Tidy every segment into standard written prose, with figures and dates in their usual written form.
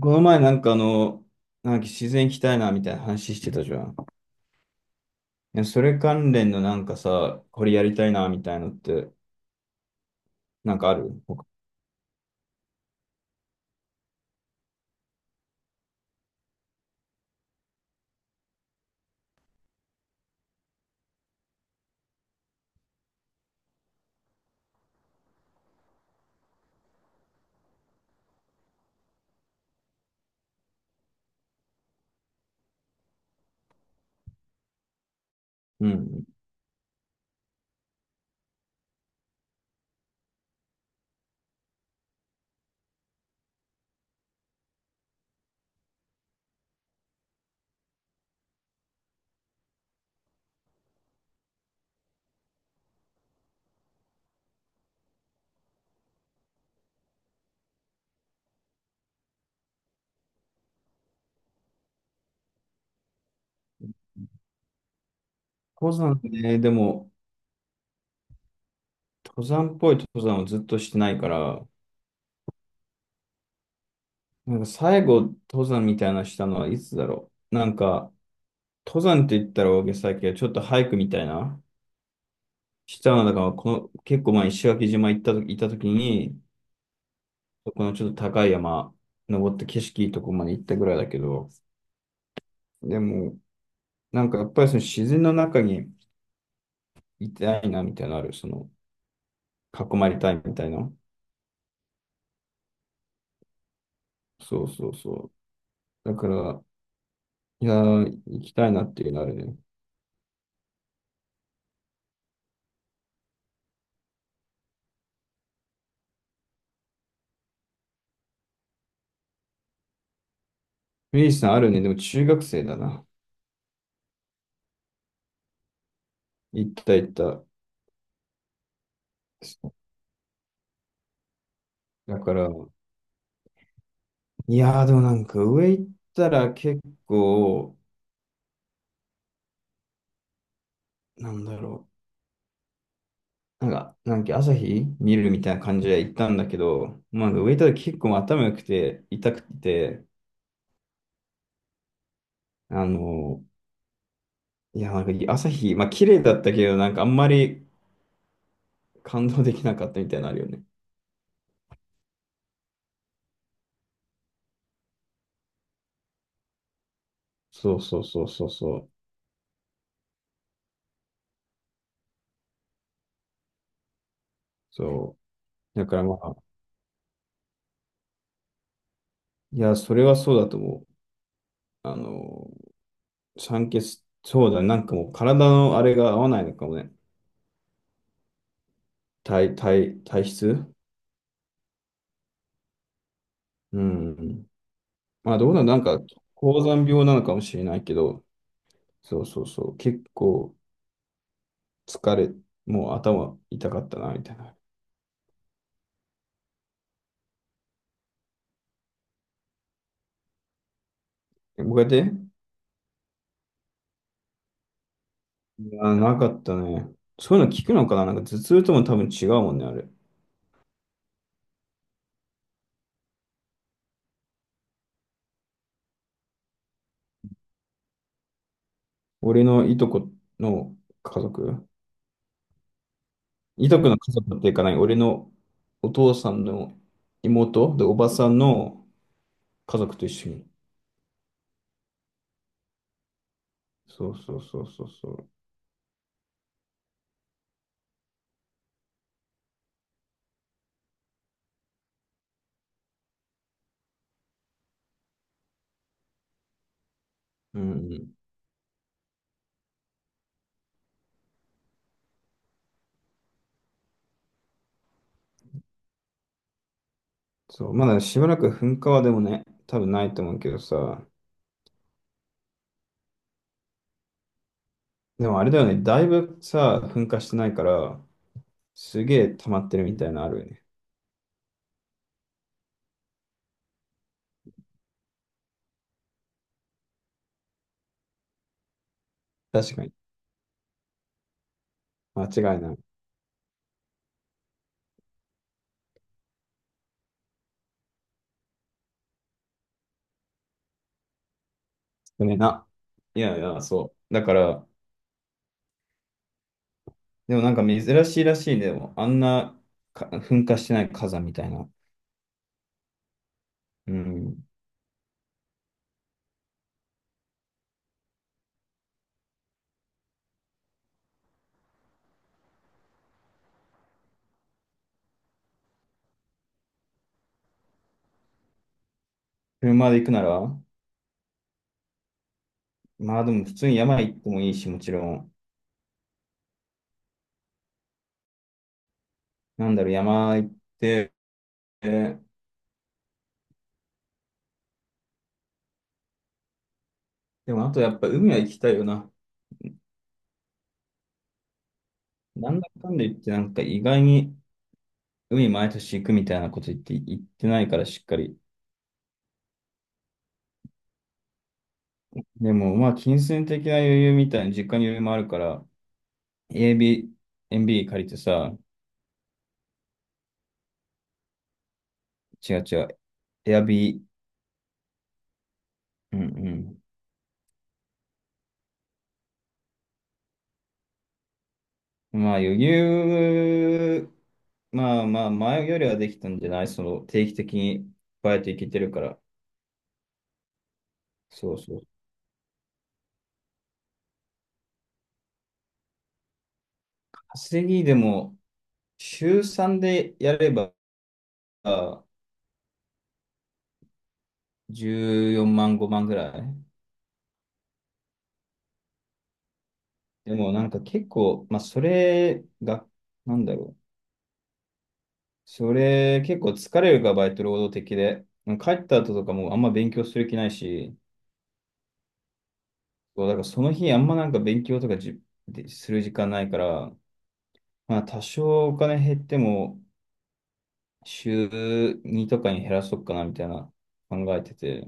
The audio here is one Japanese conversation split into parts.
この前なんかなんか自然行きたいなみたいな話してたじゃん。いや、それ関連のなんかさ、これやりたいなみたいのって、なんかある？うん。登山ね。でも、登山っぽい登山をずっとしてないから、なんか最後登山みたいなのしたのはいつだろう。なんか、登山って言ったら大げさだけど、ちょっとハイクみたいな、したのだから、この、結構前石垣島行った時に、そこのちょっと高い山、登って景色いいとこまで行ったぐらいだけど、でも、なんかやっぱりその自然の中にいたいなみたいなのある。その、囲まれたいみたいな。そうそうそう。だから、いやー、行きたいなっていうのあるね。ミリーさんあるね。でも中学生だな。行った行った。だから、いやー、でもなんか上行ったら結構、なんだろう。なんか朝日見るみたいな感じで行ったんだけど、まあ、上行ったら結構頭良くて、痛くて、あの、いや、なんか朝日、まあ綺麗だったけど、なんかあんまり、感動できなかったみたいなのあるよね。そうそうそうそうそう。そう。だからまあ、いや、それはそうだと思う。あの、酸欠、そうだね、なんかもう体のあれが合わないのかもね。体質、うん。まあどうなんなんか、高山病なのかもしれないけど、そうそうそう。結構疲れ、もう頭痛かったな、みたいな。こうやって、いや、なかったね。そういうの聞くのかな、なんか頭痛とも多分違うもんね、あれ。俺のいとこの家族、いとこの家族っていうかない、俺のお父さんの妹で、おばさんの家族と一緒に。そうそうそうそうそう。うんうん。そう、まだしばらく噴火はでもね、多分ないと思うけどさ、でもあれだよね、だいぶさ、噴火してないから、すげえ溜まってるみたいなのあるよね。確かに。間違いない。少ねえな。いやいや、そう。だから、でもなんか珍しいらしいね、でも、あんなか噴火してない火山みたいな。うん。車で行くなら、まあでも普通に山行ってもいいし、もちろん。なんだろう、山行って、でもあとやっぱ海は行きたいよな。なんだかんだ言ってなんか意外に海毎年行くみたいなこと言って、言ってないからしっかり。でもまあ金銭的な余裕みたいな、実家に余裕もあるから、AB、エムビ b 借りてさ、違う違う、エアビー、うんうん、まあ余裕、まあまあ前よりはできたんじゃない、その定期的にバイト行けてるから。そうそう。稼ぎでも週3でやれば14万5万ぐらい。でもなんか結構、まあそれが、なんだろう。それ結構疲れるからバイト労働的で。帰った後とかもあんま勉強する気ないし、そうだからその日あんまなんか勉強とかじ、でする時間ないから、まあ多少お金減っても、週2とかに減らそうかなみたいな考えてて、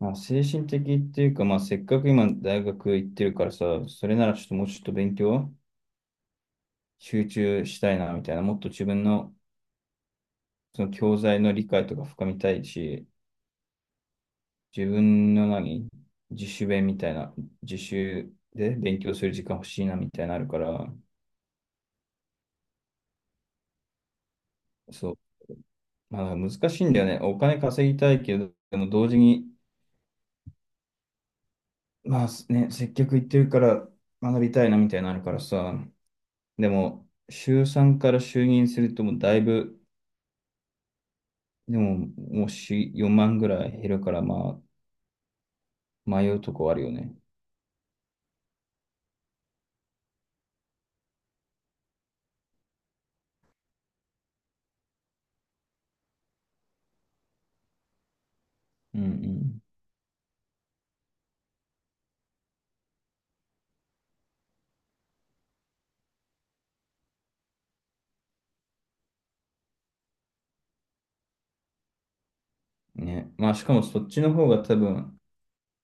まあ、精神的っていうか、まあ、せっかく今大学行ってるからさ、それならちょっともうちょっと勉強集中したいなみたいな、もっと自分のその教材の理解とか深みたいし、自分の何、自主勉みたいな、自習で勉強する時間欲しいなみたいになあるから、そう、まあ、難しいんだよね。お金稼ぎたいけど、でも同時に、まあね、接客行ってるから学びたいなみたいになのあるからさ、でも、週3から就任するともうだいぶ、でも、もうし4万ぐらい減るから、まあ、迷うとこあるよね。うんうん。ね。まあ、しかもそっちの方が多分、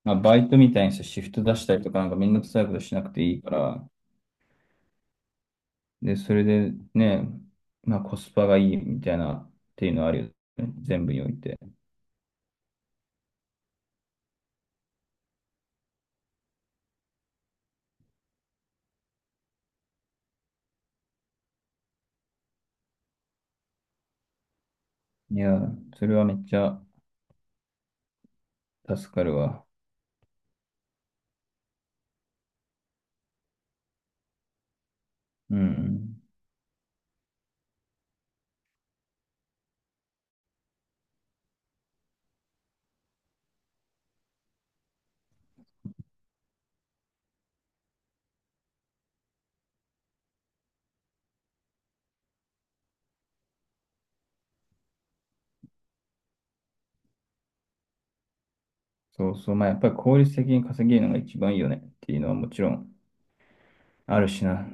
まあ、バイトみたいにさ、シフト出したりとか、なんかめんどくさいことしなくていいから、で、それでね、まあ、コスパがいいみたいなっていうのはあるよね。全部において。いや、それはめっちゃ助かるわ。うんうん。そうそう。まあ、やっぱり効率的に稼げるのが一番いいよねっていうのはもちろんあるしな。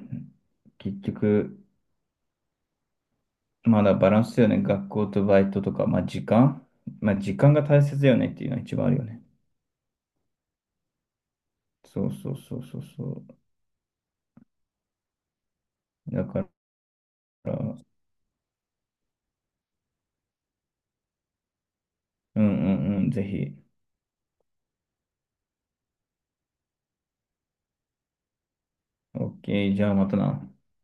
結局、まだバランスだよね。学校とバイトとか、まあ時間。まあ時間が大切だよねっていうのは一番あるよね。そうそうそうそうそう。だから、うんうんうん、ぜひ。OK、じゃあまたな。